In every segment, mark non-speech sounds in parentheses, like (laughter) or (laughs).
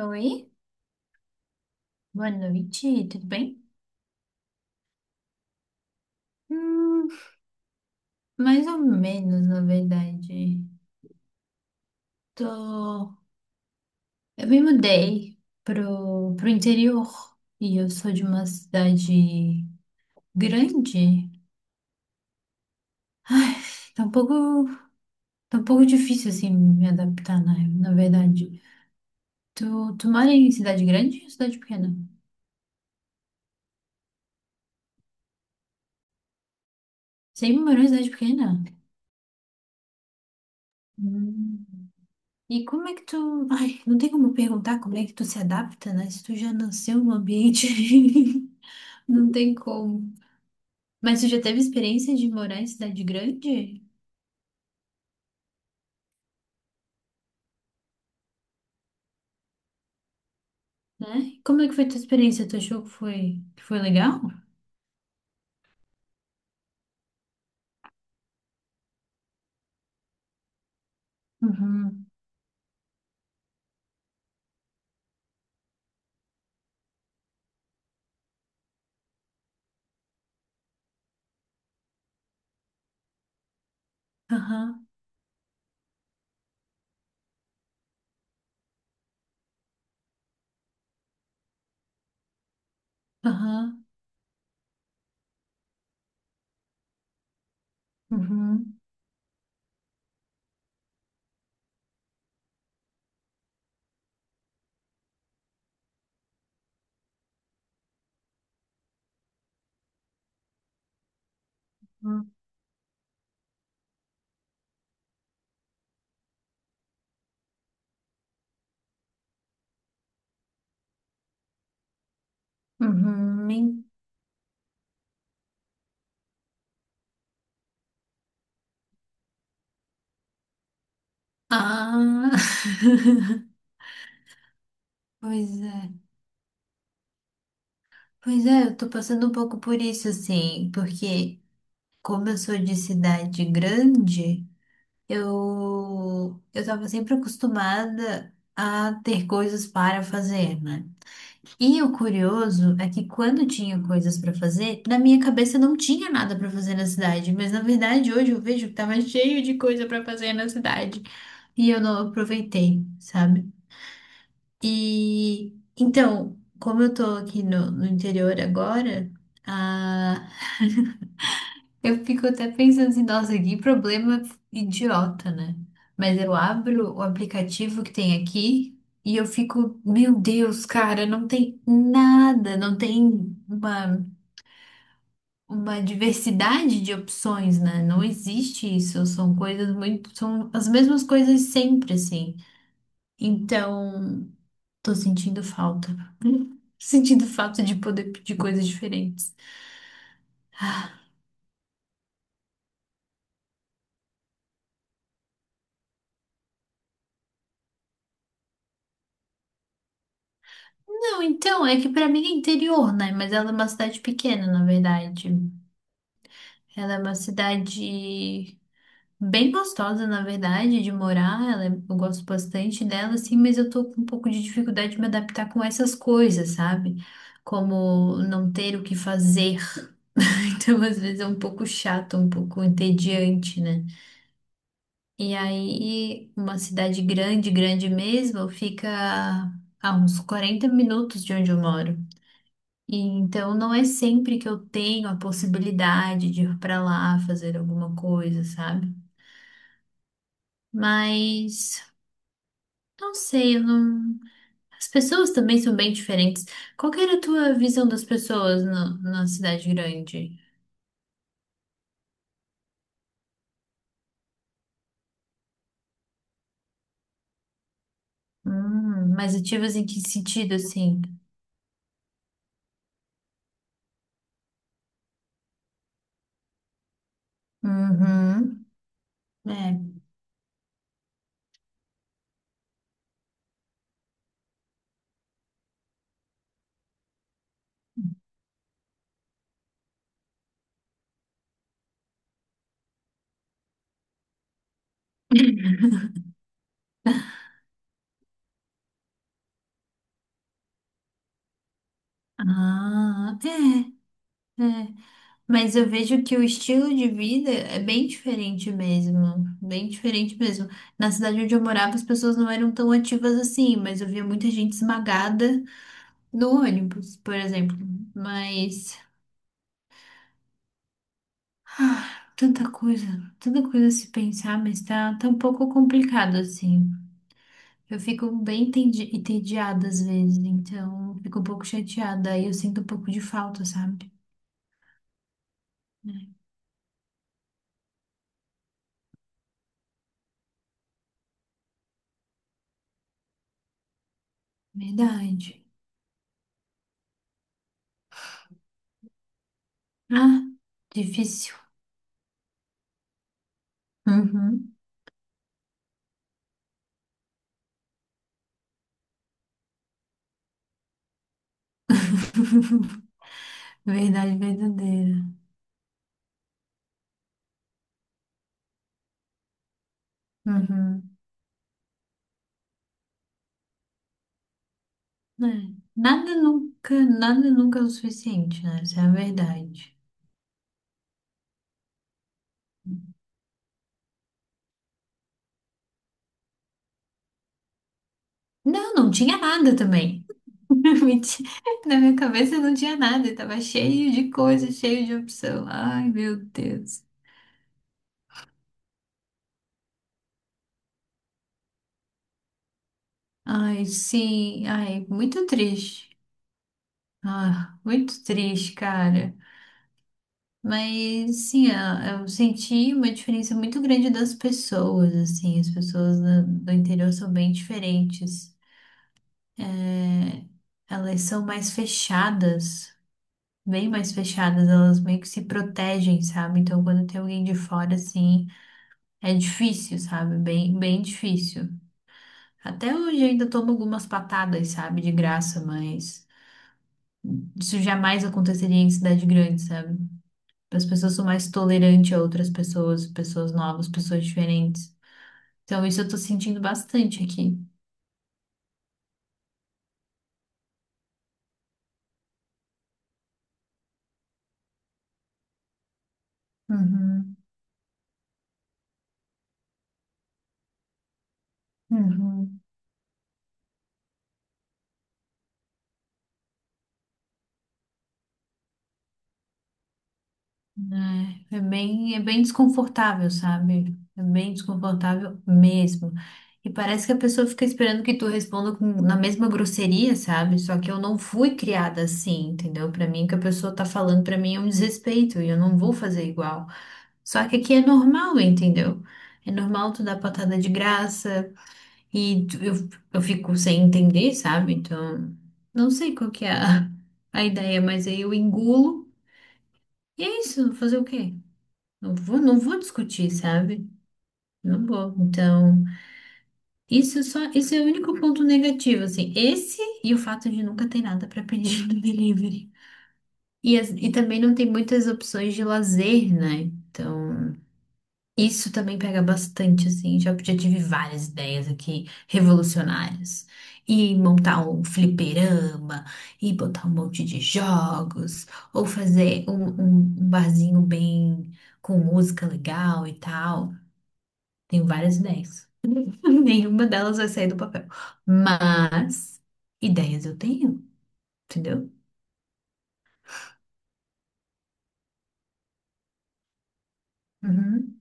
Oi, boa noite, tudo bem? Hum, mais ou menos, na verdade. Tô... Eu me mudei pro interior e eu sou de uma cidade grande. Tá um pouco, tá um pouco difícil, assim, me adaptar, na verdade. Tu, tu mora em cidade grande ou cidade pequena? Sempre morou em cidade pequena? Hum. E como é que tu. (laughs) Ai, não tem como perguntar como é que tu se adapta, né? Se tu já nasceu no ambiente. (laughs) Não tem como. Mas tu já teve experiência de morar em cidade grande, né? Como é que foi tua experiência? Tu achou que foi legal? Uhum. Aham. Aham. Uhum. Uhum. Uhum. Ah. (laughs) Pois é. Pois é, eu tô passando um pouco por isso, assim, porque como eu sou de cidade grande. Eu estava sempre acostumada a ter coisas para fazer, né? E o curioso é que quando tinha coisas para fazer, na minha cabeça não tinha nada para fazer na cidade, mas na verdade hoje eu vejo que estava (laughs) cheio de coisa para fazer na cidade e eu não aproveitei, sabe? E então, como eu tô aqui no interior agora, a, eu fico até pensando assim, nossa, que problema idiota, né? Mas eu abro o aplicativo que tem aqui e eu fico, meu Deus, cara, não tem nada, não tem uma, uma diversidade de opções, né? Não existe isso, são coisas muito, são as mesmas coisas sempre, assim. Então, tô sentindo falta de poder pedir coisas diferentes. Não, então, é que pra mim é interior, né? Mas ela é uma cidade pequena, na verdade. Ela é uma cidade bem gostosa, na verdade, de morar. Ela é- eu gosto bastante dela, assim, mas eu tô com um pouco de dificuldade de me adaptar com essas coisas, sabe? Como não ter o que fazer. (laughs) Então, às vezes é um pouco chato, um pouco entediante, né? E aí, uma cidade grande, grande mesmo, fica a uns 40 minutos de onde eu moro. E então não é sempre que eu tenho a possibilidade de ir pra lá fazer alguma coisa, sabe? Mas não sei, eu não... as pessoas também são bem diferentes. Qual que era a tua visão das pessoas na cidade grande? Mais ativas em que sentido, assim? Uhum. É. (laughs) Ah, é, é. Mas eu vejo que o estilo de vida é bem diferente mesmo, bem diferente mesmo. Na cidade onde eu morava, as pessoas não eram tão ativas assim, mas eu via muita gente esmagada no ônibus, por exemplo. Mas ah, tanta coisa a se pensar, mas tá, tá um pouco complicado assim. Eu fico bem entendi- entediada às vezes, então fico um pouco chateada, aí eu sinto um pouco de falta, sabe? É, verdade. Ah, difícil. Uhum. (laughs) Verdade verdadeira. Uhum. É. Nada nunca é o suficiente, né? Essa é a verdade. Não, não tinha nada também. (laughs) Mentira. Na minha cabeça não tinha nada, estava cheio de coisa, cheio de opção. Ai, meu Deus. Ai, sim, ai, muito triste. Ah, muito triste, cara. Mas sim, eu senti uma diferença muito grande das pessoas, assim, as pessoas do interior são bem diferentes. É, elas são mais fechadas, bem mais fechadas, elas meio que se protegem, sabe? Então, quando tem alguém de fora, assim, é difícil, sabe? Bem, bem difícil. Até hoje ainda tomo algumas patadas, sabe? De graça, mas isso jamais aconteceria em cidade grande, sabe? As pessoas são mais tolerantes a outras pessoas, pessoas novas, pessoas diferentes. Então, isso eu tô sentindo bastante aqui. Uhum, uhum. É bem desconfortável, sabe? É bem desconfortável mesmo. E parece que a pessoa fica esperando que tu responda com, na mesma grosseria, sabe? Só que eu não fui criada assim, entendeu? Pra mim, o que a pessoa tá falando pra mim é um desrespeito e eu não vou fazer igual. Só que aqui é normal, entendeu? É normal tu dar patada de graça e eu fico sem entender, sabe? Então, não sei qual que é a, (laughs) a ideia, mas aí eu engulo e é isso, fazer o quê? Não vou discutir, sabe? Não vou. Então, isso é o único ponto negativo, assim. Esse e o fato de nunca ter nada para pedir no (laughs) delivery. E, e também não tem muitas opções de lazer, né? Então, isso também pega bastante, assim. Já tive várias ideias aqui revolucionárias. E montar um fliperama, e botar um monte de jogos, ou fazer um, um barzinho bem com música legal e tal. Tenho várias ideias. (laughs) Nenhuma delas vai sair do papel. Mas ideias eu tenho, entendeu? Uhum,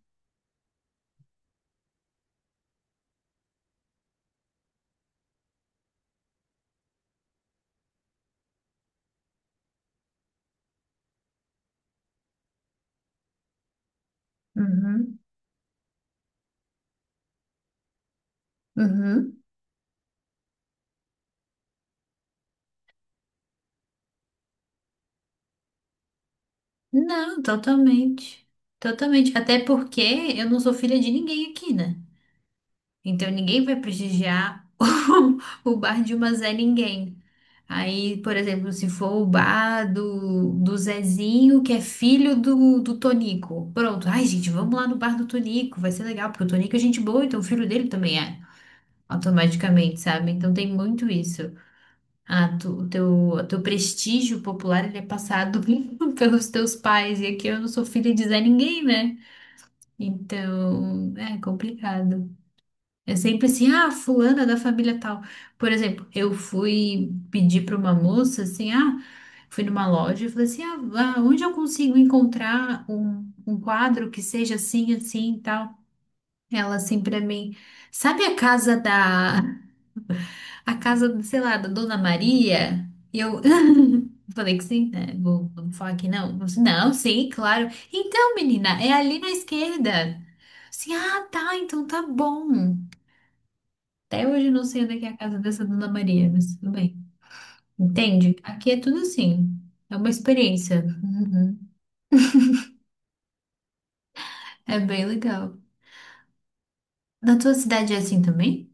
uhum, uhum. Não, totalmente. Totalmente. Até porque eu não sou filha de ninguém aqui, né? Então ninguém vai prestigiar (laughs) o bar de uma Zé Ninguém. Aí, por exemplo, se for o bar do Zezinho, que é filho do Tonico. Pronto. Ai, gente, vamos lá no bar do Tonico. Vai ser legal, porque o Tonico é gente boa, então o filho dele também é. Automaticamente, sabe? Então tem muito isso. Ah, tu, o teu prestígio popular ele é passado (laughs) pelos teus pais, e aqui eu não sou filha de Zé ninguém, né? Então é complicado. É sempre assim, ah, fulana da família tal. Por exemplo, eu fui pedir para uma moça assim, ah, fui numa loja e falei assim, ah, onde eu consigo encontrar um, um quadro que seja assim, assim e tal? Ela assim para mim, sabe a casa da, a casa, sei lá, da Dona Maria, e eu (laughs) falei que sim, né? Vou falar que não. Ela disse, não, sim, claro. Então, menina, é ali na esquerda. Sim, ah, tá, então tá bom. Até hoje eu não sei onde é que é a casa dessa Dona Maria, mas tudo bem. Entende? Aqui é tudo assim. É uma experiência. Uhum. É bem legal. Na tua cidade é assim também?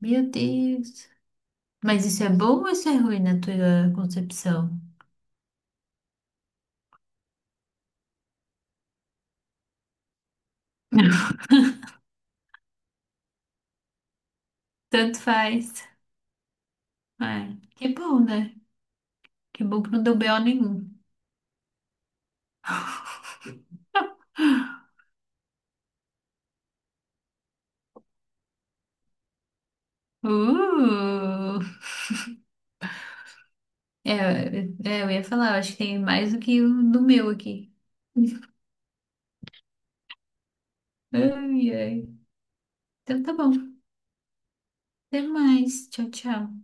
Meu Deus. Mas isso é bom ou isso é ruim na tua concepção? (laughs) Tanto faz. Ai, que bom, né? Que bom que não deu BO nenhum. Uh! É, é, eu ia falar, eu acho que tem mais do que o do meu aqui. Ai, ai. Então tá bom. Até mais. Tchau, tchau.